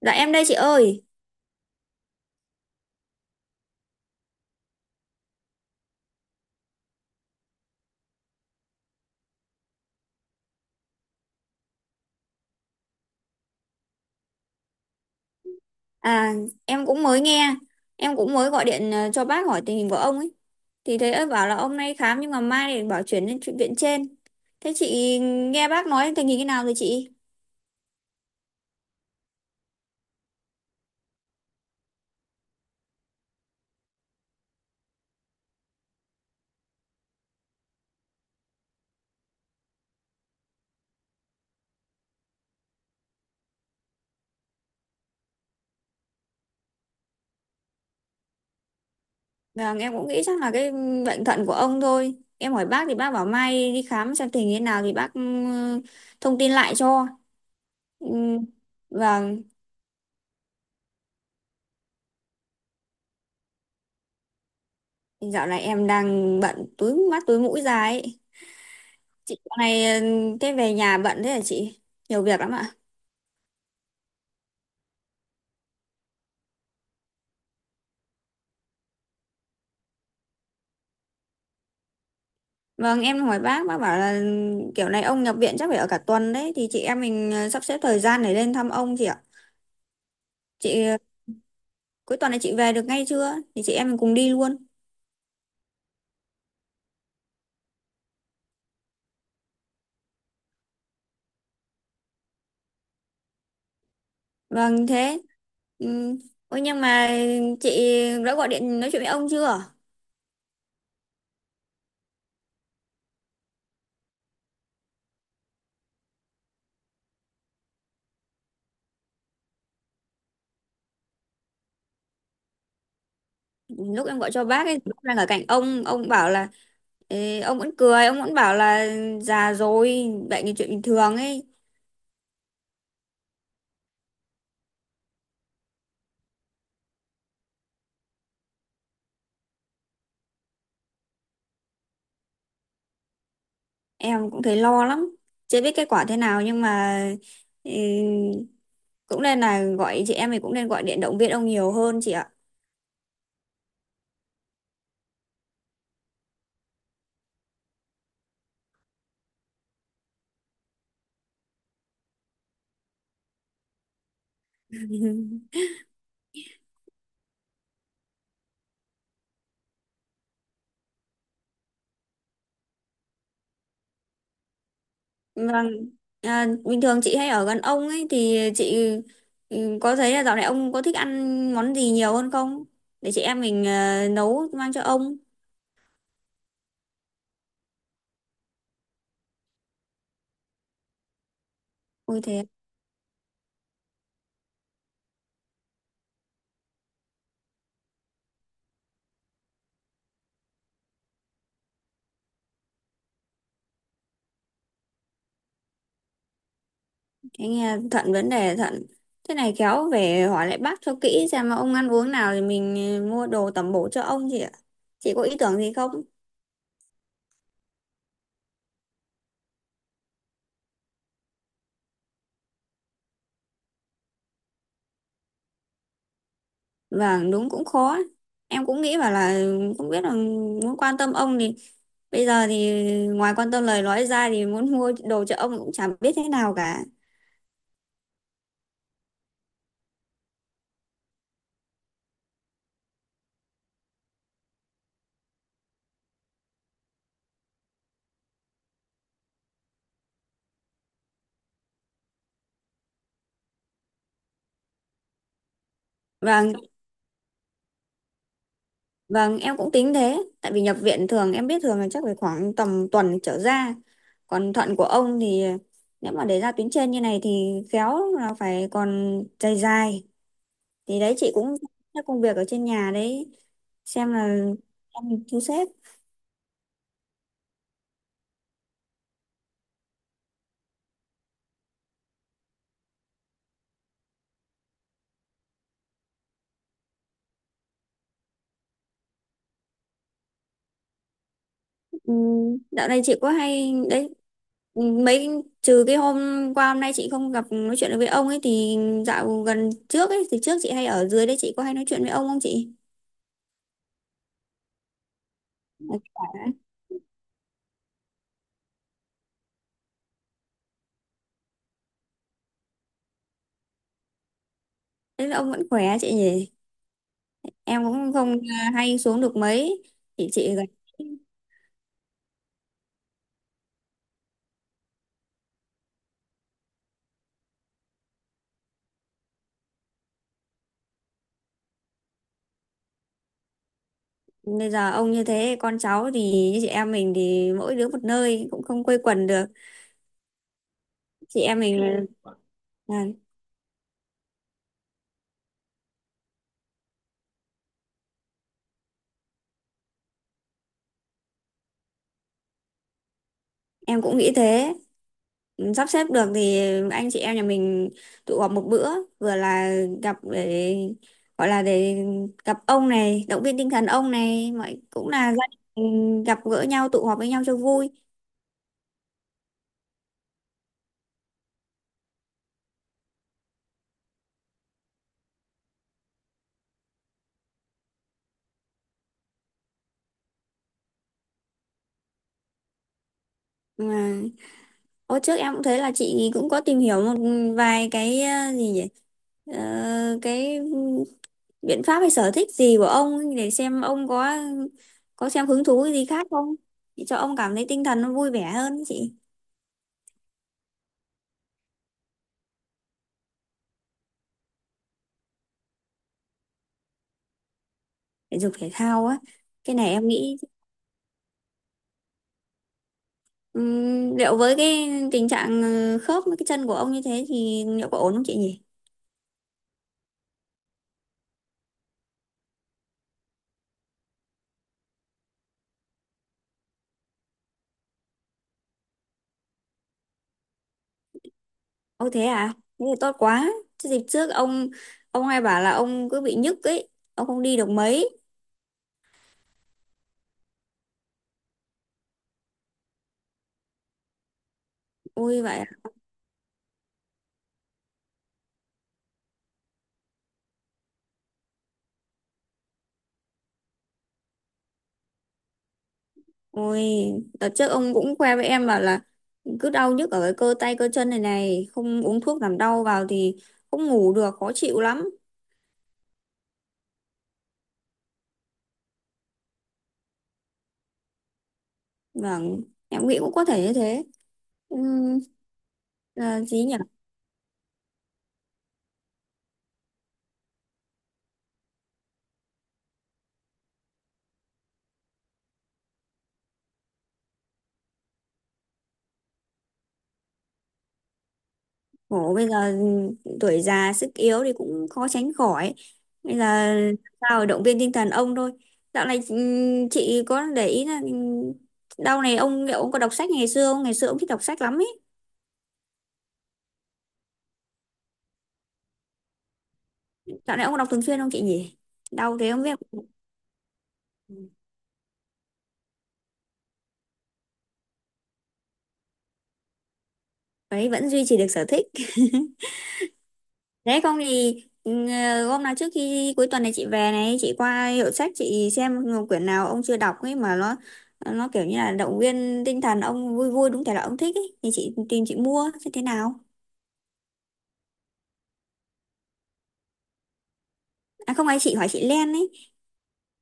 Dạ em đây chị ơi. À, em cũng mới nghe, em cũng mới gọi điện cho bác hỏi tình hình của ông ấy. Thì thấy ông bảo là ông nay khám nhưng mà mai để bảo chuyển lên viện trên. Thế chị nghe bác nói tình hình thế nào rồi chị? Vâng, em cũng nghĩ chắc là cái bệnh thận của ông thôi. Em hỏi bác thì bác bảo mai đi khám xem tình hình thế nào thì bác thông tin lại cho. Ừ, vâng, dạo này em đang bận túi mắt túi mũi ra ấy. Chị dạo này thế về nhà bận thế hả chị? Nhiều việc lắm ạ. Vâng, em hỏi bác bảo là kiểu này ông nhập viện chắc phải ở cả tuần đấy, thì chị em mình sắp xếp thời gian để lên thăm ông chị ạ. Chị cuối tuần này chị về được ngay chưa? Thì chị em mình cùng đi luôn. Vâng, thế. Ừ. Ôi nhưng mà chị đã gọi điện nói chuyện với ông chưa? Lúc em gọi cho bác ấy, lúc đang ở cạnh ông bảo là ê, ông vẫn cười, ông vẫn bảo là già rồi, bệnh là chuyện bình thường ấy. Em cũng thấy lo lắm. Chưa biết kết quả thế nào nhưng mà ừ, cũng nên là gọi chị em thì cũng nên gọi điện động viên ông nhiều hơn chị ạ. Vâng. À, bình thường chị hay ở gần ông ấy thì chị có thấy là dạo này ông có thích ăn món gì nhiều hơn không, để chị em mình nấu mang cho ông. Ôi thế, anh nghe thận, vấn đề thận thế này khéo về hỏi lại bác cho kỹ xem mà ông ăn uống nào thì mình mua đồ tẩm bổ cho ông chị ạ. Chị có ý tưởng gì không? Vâng, đúng cũng khó. Em cũng nghĩ bảo là không biết là muốn quan tâm ông thì bây giờ thì ngoài quan tâm lời nói ra thì muốn mua đồ cho ông cũng chẳng biết thế nào cả. Vâng, vâng, em cũng tính thế. Tại vì nhập viện thường em biết thường là chắc phải khoảng tầm tuần trở ra. Còn thận của ông thì nếu mà để ra tuyến trên như này thì khéo là phải còn dài dài. Thì đấy chị cũng các công việc ở trên nhà đấy xem là em thu xếp. Ừ, dạo này chị có hay đấy mấy, trừ cái hôm qua hôm nay chị không gặp nói chuyện được với ông ấy thì dạo gần trước ấy thì trước chị hay ở dưới đấy chị có hay nói chuyện với ông không chị? Ờ, khỏe. Thế là ông vẫn khỏe chị nhỉ, em cũng không à, hay xuống được mấy. Thì chị gần bây giờ ông như thế con cháu thì như chị em mình thì mỗi đứa một nơi cũng không quây quần được. Chị em mình là em cũng nghĩ thế, sắp xếp được thì anh chị em nhà mình tụ họp một bữa, vừa là gặp để gọi là để gặp ông này động viên tinh thần ông này mọi cũng là gia đình gặp gỡ nhau tụ họp với nhau cho vui. Mà hồi trước em cũng thấy là chị cũng có tìm hiểu một vài cái gì nhỉ, cái biện pháp hay sở thích gì của ông để xem ông có xem hứng thú gì khác không, để cho ông cảm thấy tinh thần nó vui vẻ hơn chị. Thể dục thể thao á, cái này em nghĩ liệu với cái tình trạng khớp với cái chân của ông như thế thì liệu có ổn không chị nhỉ? Ô thế à? Thế thì tốt quá. Chứ dịp trước ông hay bảo là ông cứ bị nhức ấy, ông không đi được mấy. Ôi vậy à? Ôi, đợt trước ông cũng khoe với em bảo là cứ đau nhức ở cái cơ tay cơ chân này này, không uống thuốc giảm đau vào thì không ngủ được, khó chịu lắm. Vâng, em nghĩ cũng có thể như thế. Ừm, là gì nhỉ? Khổ bây giờ, tuổi già sức yếu thì cũng khó tránh khỏi, bây giờ sao để động viên tinh thần ông thôi. Dạo này chị có để ý là đau này ông liệu ông có đọc sách ngày xưa không, ngày xưa ông thích đọc sách lắm ấy. Dạo này ông có đọc thường xuyên không chị nhỉ? Đau thế không biết. Ừ, đấy vẫn duy trì được sở thích. Đấy không thì ừ, hôm nào trước khi cuối tuần này chị về này chị qua hiệu sách chị xem quyển nào ông chưa đọc ấy mà nó kiểu như là động viên tinh thần ông vui vui đúng thể là ông thích ấy thì chị tìm chị mua xem thế nào. À không ai, chị hỏi chị Len ấy,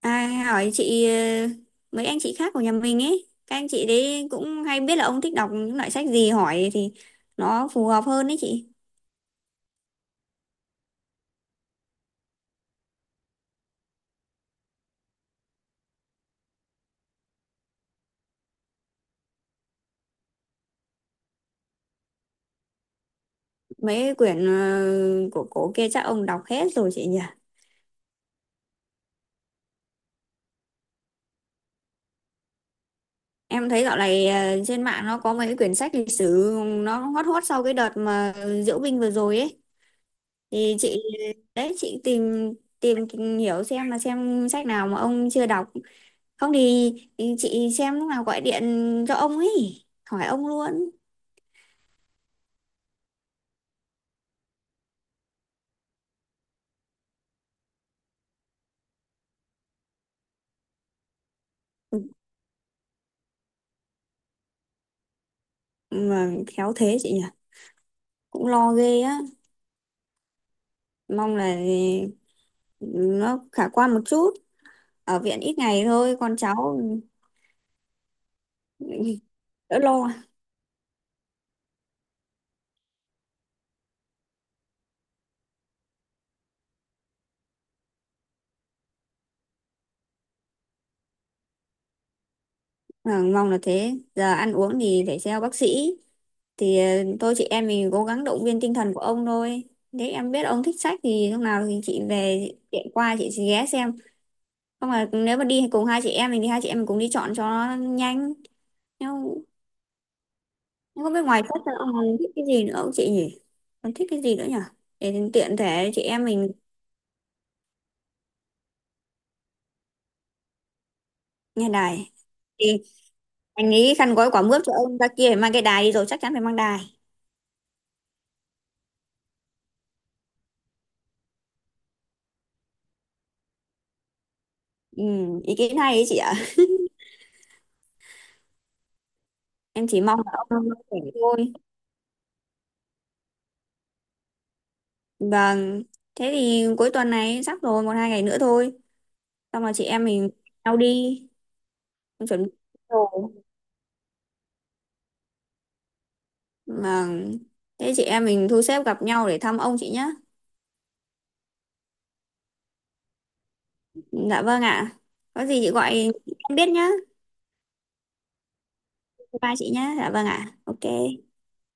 à hỏi chị mấy anh chị khác của nhà mình ấy các anh chị đấy cũng hay biết là ông thích đọc những loại sách gì hỏi thì nó phù hợp hơn đấy chị. Mấy quyển của cổ kia chắc ông đọc hết rồi chị nhỉ? Em thấy dạo này trên mạng nó có mấy cái quyển sách lịch sử nó hot hot sau cái đợt mà diễu binh vừa rồi ấy thì chị đấy chị tìm tìm hiểu xem là xem sách nào mà ông chưa đọc, không thì chị xem lúc nào gọi điện cho ông ấy hỏi ông luôn. Mà khéo thế chị nhỉ, cũng lo ghê á, mong là nó khả quan một chút, ở viện ít ngày thôi con cháu đỡ lo. À, mong là thế, giờ ăn uống thì phải theo bác sĩ thì tôi chị em mình cố gắng động viên tinh thần của ông thôi. Nếu em biết ông thích sách thì lúc nào thì chị về tiện qua chị sẽ ghé xem, không là nếu mà đi cùng hai chị em mình thì hai chị em mình cùng đi chọn cho nó nhanh. Nhưng nhưng không biết ngoài sách ra ông còn thích cái gì nữa không chị nhỉ, còn thích cái gì nữa nhỉ, để tiện thể chị em mình. Nghe đài thì anh nghĩ khăn gói quả mướp cho ông ra kia phải mang cái đài đi rồi chắc chắn phải mang đài. Ừ, ý kiến hay đấy chị ạ, em chỉ mong là ông khỏe thôi. Vâng. Thế thì cuối tuần này sắp rồi, một hai ngày nữa thôi. Xong rồi chị em mình nhau đi, mình chuẩn bị đồ mà thế chị em mình thu xếp gặp nhau để thăm ông chị nhé. Dạ vâng ạ, có gì chị gọi em biết nhá. Bye chị nhá, dạ vâng ạ, ok.